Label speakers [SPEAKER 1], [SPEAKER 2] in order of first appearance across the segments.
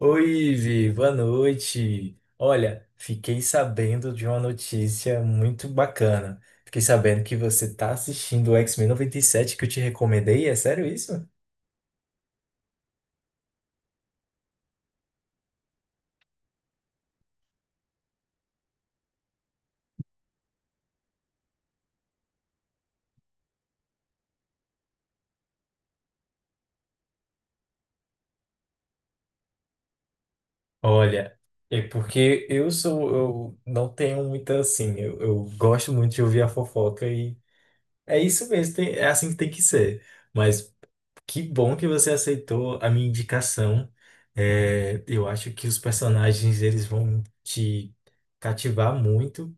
[SPEAKER 1] Oi, Vi, boa noite. Olha, fiquei sabendo de uma notícia muito bacana. Fiquei sabendo que você tá assistindo o X-Men 97 que eu te recomendei. É sério isso? Olha, é porque eu não tenho muita assim, eu gosto muito de ouvir a fofoca e é isso mesmo, é assim que tem que ser. Mas que bom que você aceitou a minha indicação. É, eu acho que os personagens eles vão te cativar muito.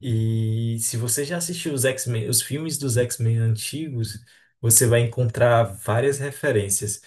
[SPEAKER 1] E se você já assistiu os X-Men, os filmes dos X-Men antigos, você vai encontrar várias referências.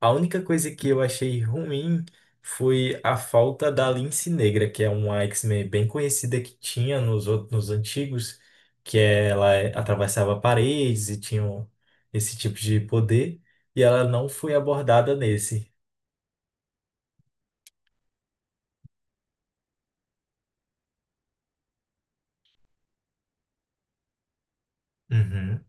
[SPEAKER 1] A única coisa que eu achei ruim foi a falta da Lince Negra, que é uma X-Men bem conhecida que tinha nos antigos, que atravessava paredes e tinha esse tipo de poder, e ela não foi abordada nesse. Uhum,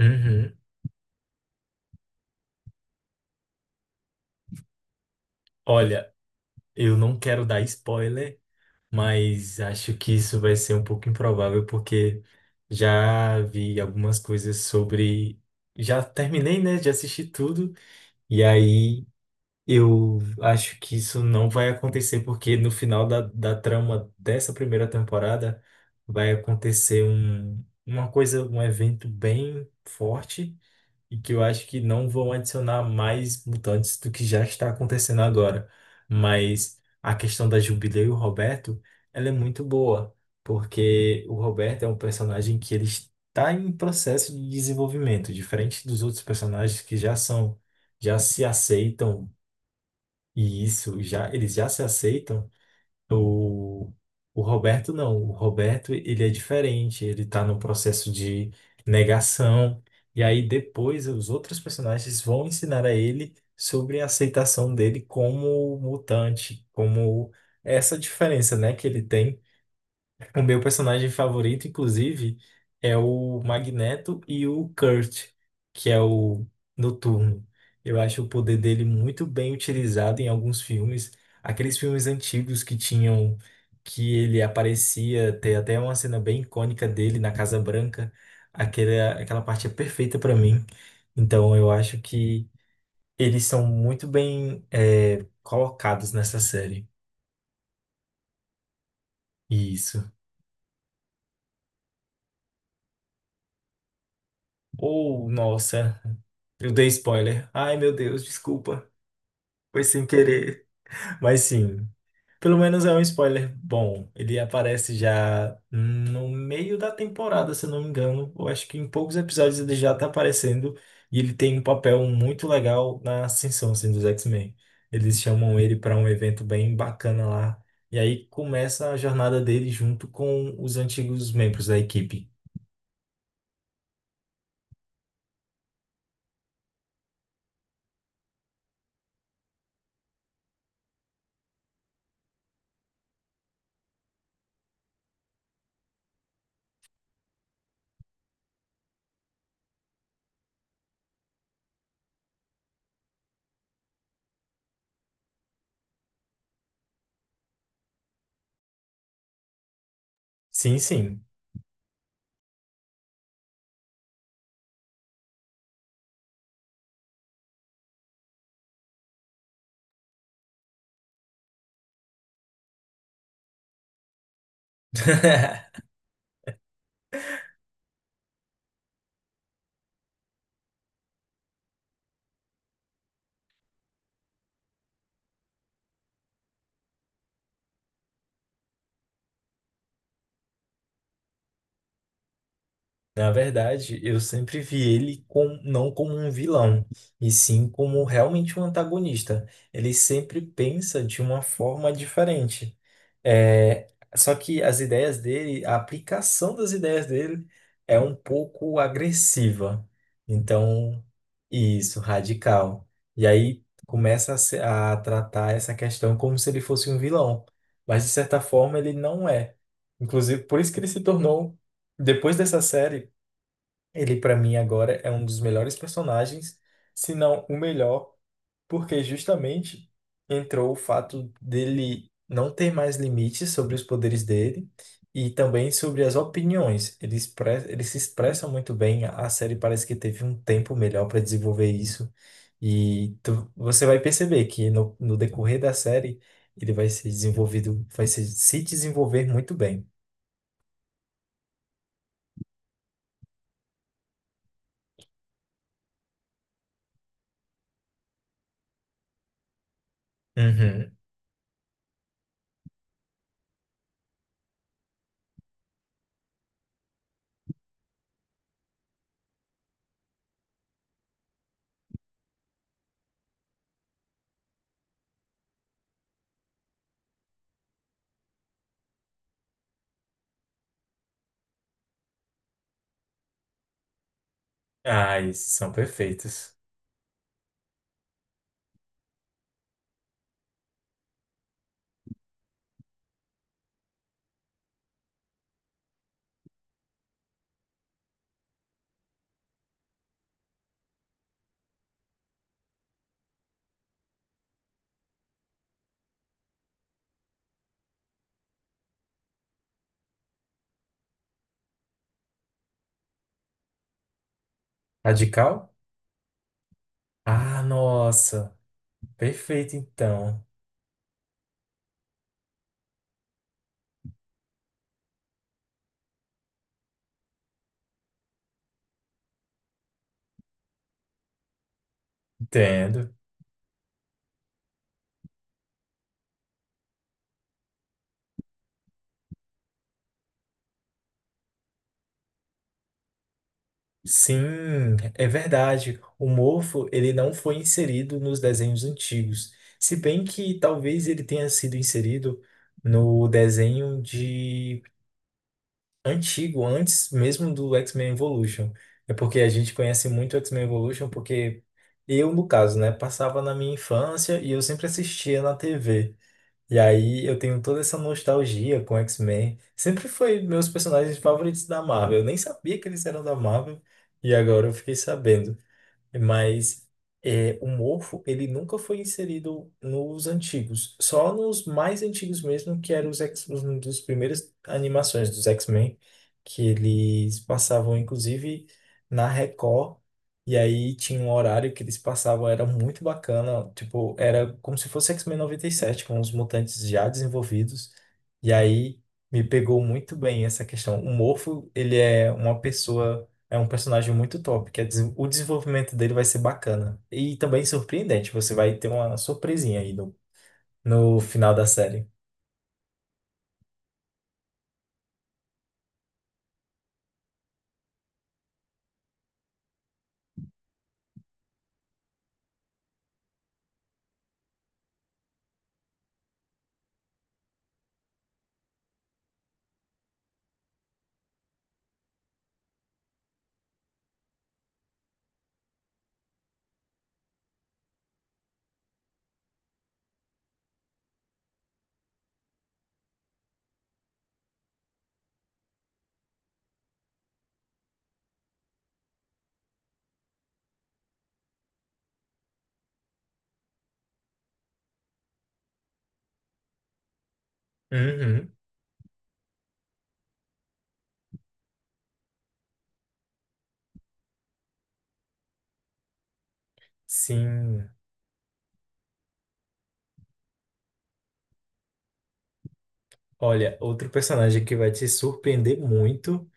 [SPEAKER 1] uhum. Olha, eu não quero dar spoiler. Mas acho que isso vai ser um pouco improvável, porque já vi algumas coisas sobre. Já terminei, né? Já assisti tudo. E aí eu acho que isso não vai acontecer, porque no final da trama dessa primeira temporada vai acontecer uma coisa, um evento bem forte e que eu acho que não vão adicionar mais mutantes do que já está acontecendo agora. Mas a questão da Jubileu e o Roberto, ela é muito boa, porque o Roberto é um personagem que ele está em processo de desenvolvimento, diferente dos outros personagens que já são, já se aceitam, e isso, já, eles já se aceitam o, o Roberto não. O Roberto, ele é diferente. Ele tá num processo de negação. E aí depois os outros personagens vão ensinar a ele sobre a aceitação dele como mutante, como essa diferença, né, que ele tem. O meu personagem favorito, inclusive, é o Magneto e o Kurt, que é o Noturno. Eu acho o poder dele muito bem utilizado em alguns filmes. Aqueles filmes antigos que tinham, que ele aparecia, tem até uma cena bem icônica dele na Casa Branca. Aquela parte é perfeita para mim. Então eu acho que eles são muito bem, colocados nessa série. Isso. Ou, nossa. Eu dei spoiler. Ai, meu Deus, desculpa. Foi sem querer. Mas sim, pelo menos é um spoiler bom. Ele aparece já no meio da temporada, se eu não me engano. Eu acho que em poucos episódios ele já tá aparecendo. E ele tem um papel muito legal na ascensão, assim, dos X-Men. Eles chamam ele para um evento bem bacana lá. E aí começa a jornada dele junto com os antigos membros da equipe. Sim, sim. Na verdade, eu sempre vi ele com, não como um vilão, e sim como realmente um antagonista. Ele sempre pensa de uma forma diferente. É, só que as ideias dele, a aplicação das ideias dele é um pouco agressiva. Então, isso, radical. E aí começa a, se- a tratar essa questão como se ele fosse um vilão. Mas, de certa forma, ele não é. Inclusive, por isso que ele se tornou, depois dessa série. Ele, pra mim, agora é um dos melhores personagens, se não o melhor, porque justamente entrou o fato dele não ter mais limites sobre os poderes dele e também sobre as opiniões. Ele se expressa muito bem, a série parece que teve um tempo melhor para desenvolver isso. E você vai perceber que no decorrer da série ele vai ser desenvolvido, vai se desenvolver muito bem. Uhum. Ah, esses são perfeitos. Radical? Ah, nossa. Perfeito, então. Entendo. Sim, é verdade. O Morpho, ele não foi inserido nos desenhos antigos. Se bem que talvez ele tenha sido inserido no desenho de antigo, antes mesmo do X-Men Evolution. É porque a gente conhece muito o X-Men Evolution porque eu, no caso, né, passava na minha infância e eu sempre assistia na TV. E aí eu tenho toda essa nostalgia com X-Men. Sempre foi meus personagens favoritos da Marvel. Eu nem sabia que eles eram da Marvel e agora eu fiquei sabendo. Mas é, o morfo, ele nunca foi inserido nos antigos, só nos mais antigos mesmo, que eram um dos primeiras animações dos X-Men, que eles passavam, inclusive, na Record, e aí tinha um horário que eles passavam, era muito bacana, tipo, era como se fosse X-Men 97 com os mutantes já desenvolvidos, e aí me pegou muito bem essa questão. O morfo, ele é uma pessoa é um personagem muito top, que é o desenvolvimento dele vai ser bacana. E também surpreendente, você vai ter uma surpresinha aí no final da série. Uhum, sim. Olha, outro personagem que vai te surpreender muito.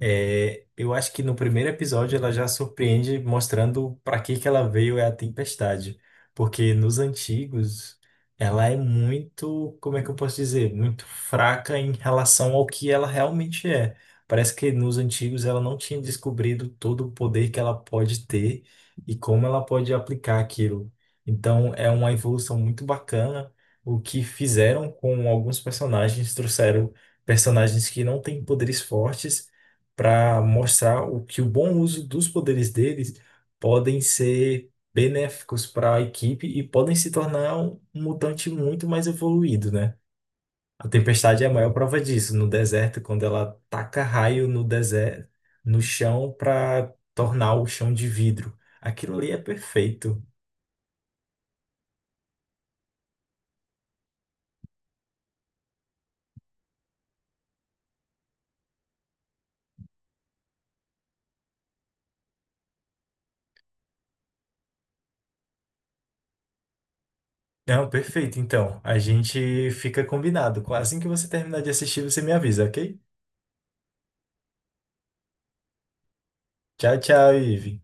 [SPEAKER 1] É, eu acho que no primeiro episódio ela já surpreende mostrando para que que ela veio é a tempestade, porque nos antigos ela é muito, como é que eu posso dizer, muito fraca em relação ao que ela realmente é. Parece que nos antigos ela não tinha descobrido todo o poder que ela pode ter e como ela pode aplicar aquilo. Então é uma evolução muito bacana o que fizeram com alguns personagens, trouxeram personagens que não têm poderes fortes para mostrar o que o bom uso dos poderes deles podem ser benéficos para a equipe e podem se tornar um mutante muito mais evoluído, né? A Tempestade é a maior prova disso, no deserto, quando ela taca raio no deserto, no chão para tornar o chão de vidro. Aquilo ali é perfeito. Não, perfeito. Então, a gente fica combinado. Assim que você terminar de assistir, você me avisa, ok? Tchau, tchau, Ive.